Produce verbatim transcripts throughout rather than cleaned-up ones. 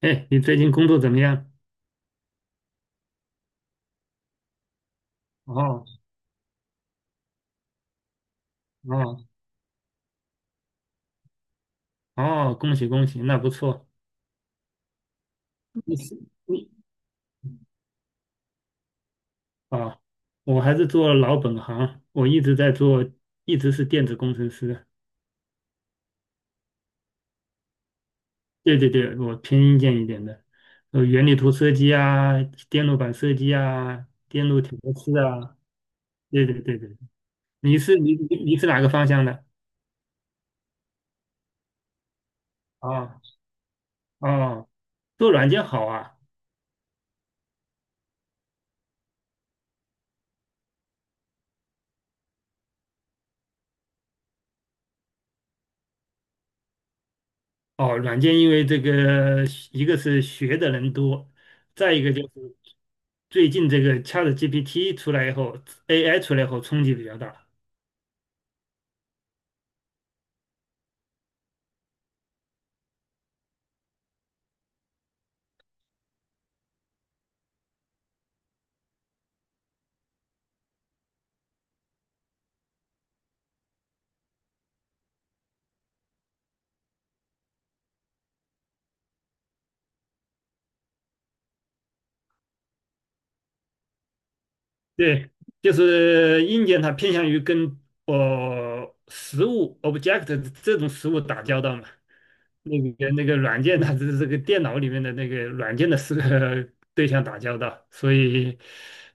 哎，你最近工作怎么样？哦哦哦，恭喜恭喜，那不错。你是你啊，我还是做老本行，我一直在做，一直是电子工程师。对对对，我偏硬件一点的，呃，原理图设计啊，电路板设计啊，电路调试啊。对对对对，你是你你你是哪个方向的？啊哦，做软件好啊。哦，软件因为这个一个是学的人多。再一个就是最近这个 ChatGPT 出来以后，A I 出来以后冲击比较大。对，就是硬件它偏向于跟呃实物 object 这种实物打交道嘛，那个那个软件它这这个电脑里面的那个软件的是个 对象打交道，所以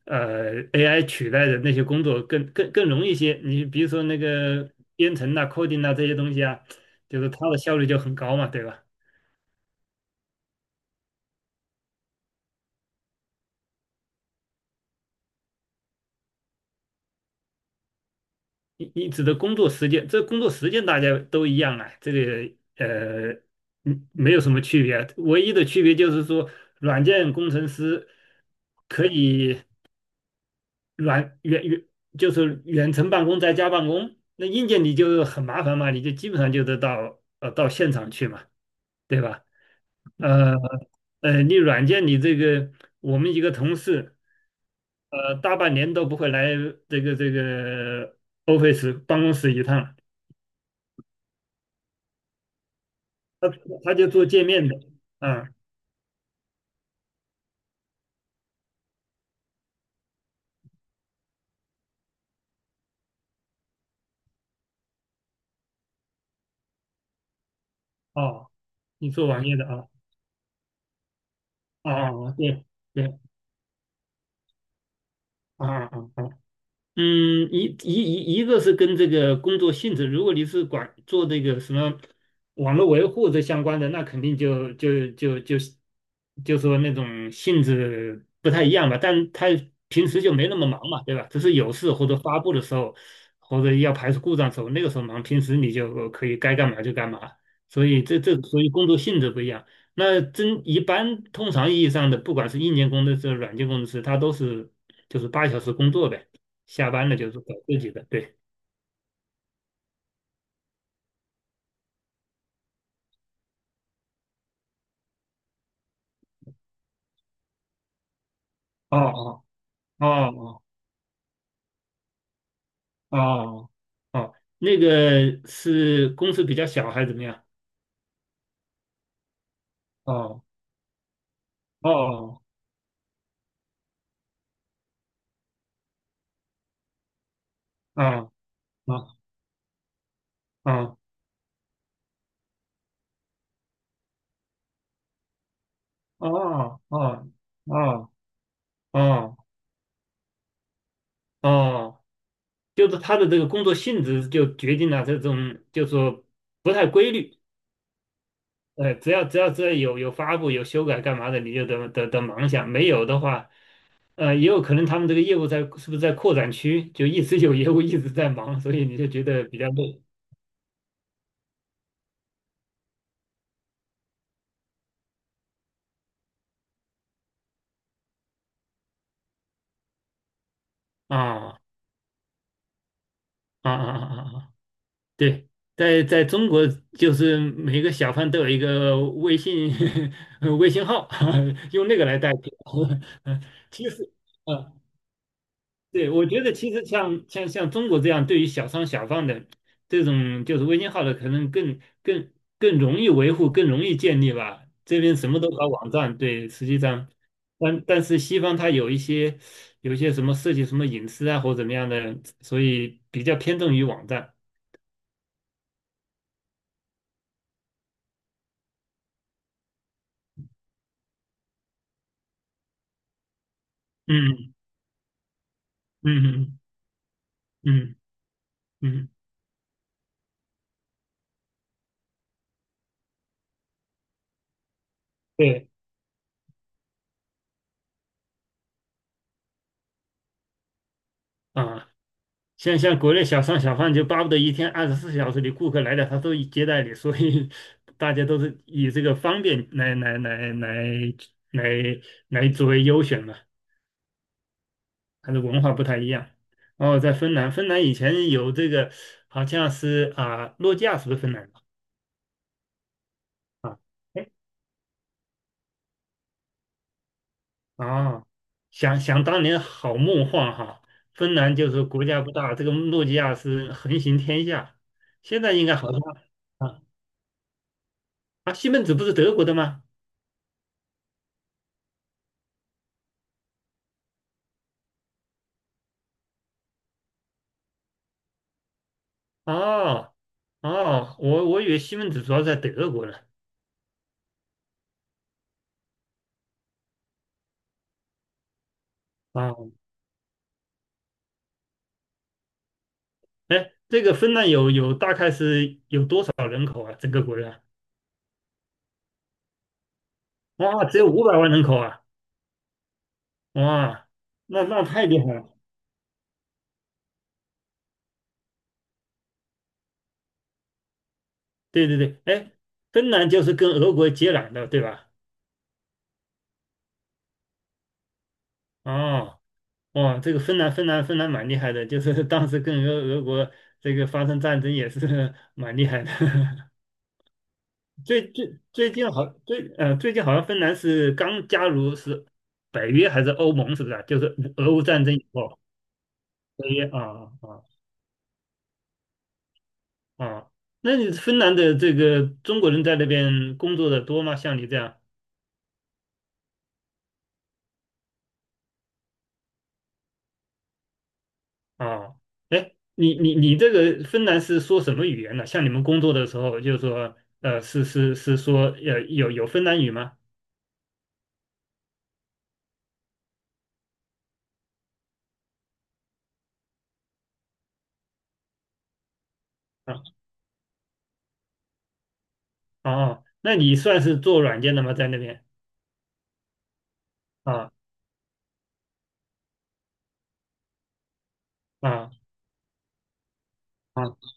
呃 A I 取代的那些工作更更更容易一些。你比如说那个编程啊、coding 啊这些东西啊，就是它的效率就很高嘛，对吧？你你指的工作时间，这工作时间大家都一样啊，这个呃，嗯，没有什么区别，唯一的区别就是说，软件工程师可以软远远就是远程办公在家办公，那硬件你就很麻烦嘛，你就基本上就得到呃到现场去嘛，对吧？呃呃，你软件你这个我们一个同事呃大半年都不会来这个这个 office 办公室一趟。他他就做界面的，嗯，哦，你做网页的啊，哦哦哦，对对，啊啊啊啊嗯，一一一一个是跟这个工作性质，如果你是管做这个什么网络维护这相关的，那肯定就就就就就说那种性质不太一样吧。但他平时就没那么忙嘛，对吧？只是有事或者发布的时候，或者要排除故障的时候，那个时候忙，平时你就可以该干嘛就干嘛。所以这这所以工作性质不一样。那真一般通常意义上的，不管是硬件工程师、软件工程师，他都是就是八小时工作呗。下班了就是搞自己的，对。哦哦哦哦哦哦，那个是公司比较小还是怎么样？哦哦哦哦哦哦哦哦哦哦，就是他的这个工作性质就决定了这种，就是说不太规律。呃，只要只要只要有有发布有修改干嘛的，你就得得得忙一下。没有的话，呃，也有可能他们这个业务在是不是在扩展区，就一直有业务一直在忙，所以你就觉得比较累。啊啊啊啊啊！啊，对，在在中国就是每个小贩都有一个微信 微信号，用那个来代替。其实，呃对，我觉得其实像像像中国这样，对于小商小贩的这种就是微信号的，可能更更更容易维护，更容易建立吧。这边什么都搞网站，对，实际上，但但是西方它有一些有一些什么涉及什么隐私啊或怎么样的，所以比较偏重于网站。嗯嗯嗯嗯嗯，对啊。像像国内小商小贩就巴不得一天二十四小时你顾客来了他都接待你，所以 大家都是以这个方便来来来来来来作为优选嘛，它的文化不太一样。然后在芬兰，芬兰以前有这个好像是啊，诺基亚是不是芬兰的啊？哎啊，想想当年好梦幻哈，芬兰就是国家不大，这个诺基亚是横行天下，现在应该好像。啊啊，西门子不是德国的吗？哦哦，我我以为西门子主要在德国呢。啊，哎，这个芬兰有有大概是有多少人口啊？整个国家？哇，只有五百万人口啊！哇，那那太厉害了。对对对，哎，芬兰就是跟俄国接壤的，对吧？哦，哇，这个芬兰芬兰芬兰蛮厉害的，就是当时跟俄俄国这个发生战争也是 蛮厉害的。最最最近好最呃最近好像芬兰是刚加入是北约还是欧盟是不是啊？就是俄乌战争以后北约啊啊啊，那你芬兰的这个中国人在那边工作的多吗？像你这样啊？哎，你你你这个芬兰是说什么语言呢？像你们工作的时候，就是说呃是是是说呃有有芬兰语吗？啊哦，那你算是做软件的吗？在那边啊啊啊啊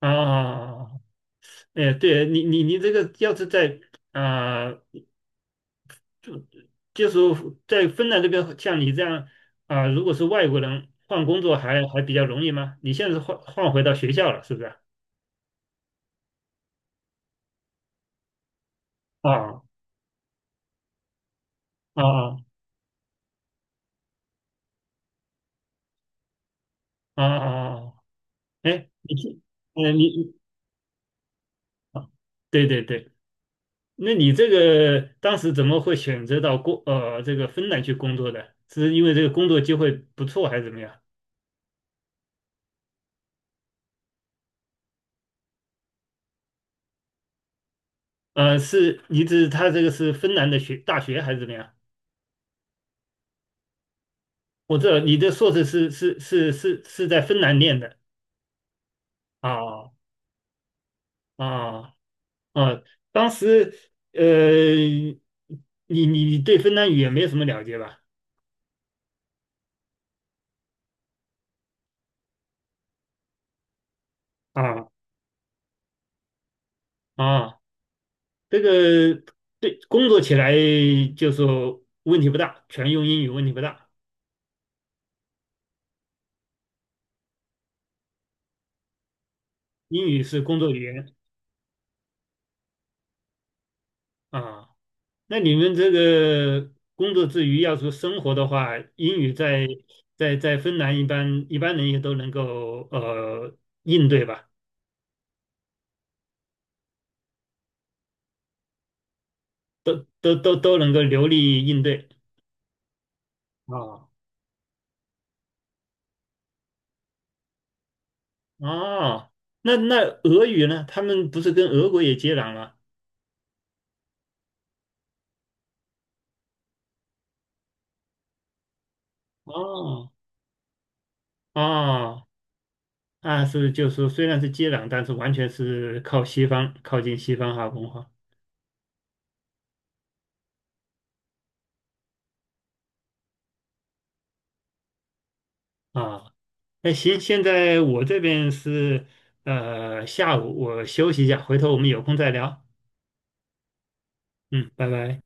啊！啊啊，哎，对你，你你这个要是在啊、呃就就是在芬兰这边，像你这样啊、如果是外国人换工作还还比较容易吗？你现在是换换回到学校了，是不是啊？啊啊啊啊啊！啊！哎，你这，呃，你，你啊，对对对，那你这个当时怎么会选择到工呃这个芬兰去工作的？是因为这个工作机会不错还是怎么样？呃，是你指他这个是芬兰的学大学还是怎么样？我知道你的硕士是是是是是在芬兰念的啊啊啊！当时呃，你你你对芬兰语也没有什么了解吧？啊啊，这个对工作起来就说问题不大，全用英语问题不大，英语是工作语言啊。那你们这个工作之余要是生活的话，英语在在在芬兰一般一般人也都能够呃应对吧？都都都都能够流利应对。啊。哦，那那俄语呢？他们不是跟俄国也接壤了？哦，哦，那是就是说虽然是接壤，但是完全是靠西方，靠近西方哈文化啊。那行，现在我这边是呃下午，我休息一下，回头我们有空再聊。嗯，拜拜。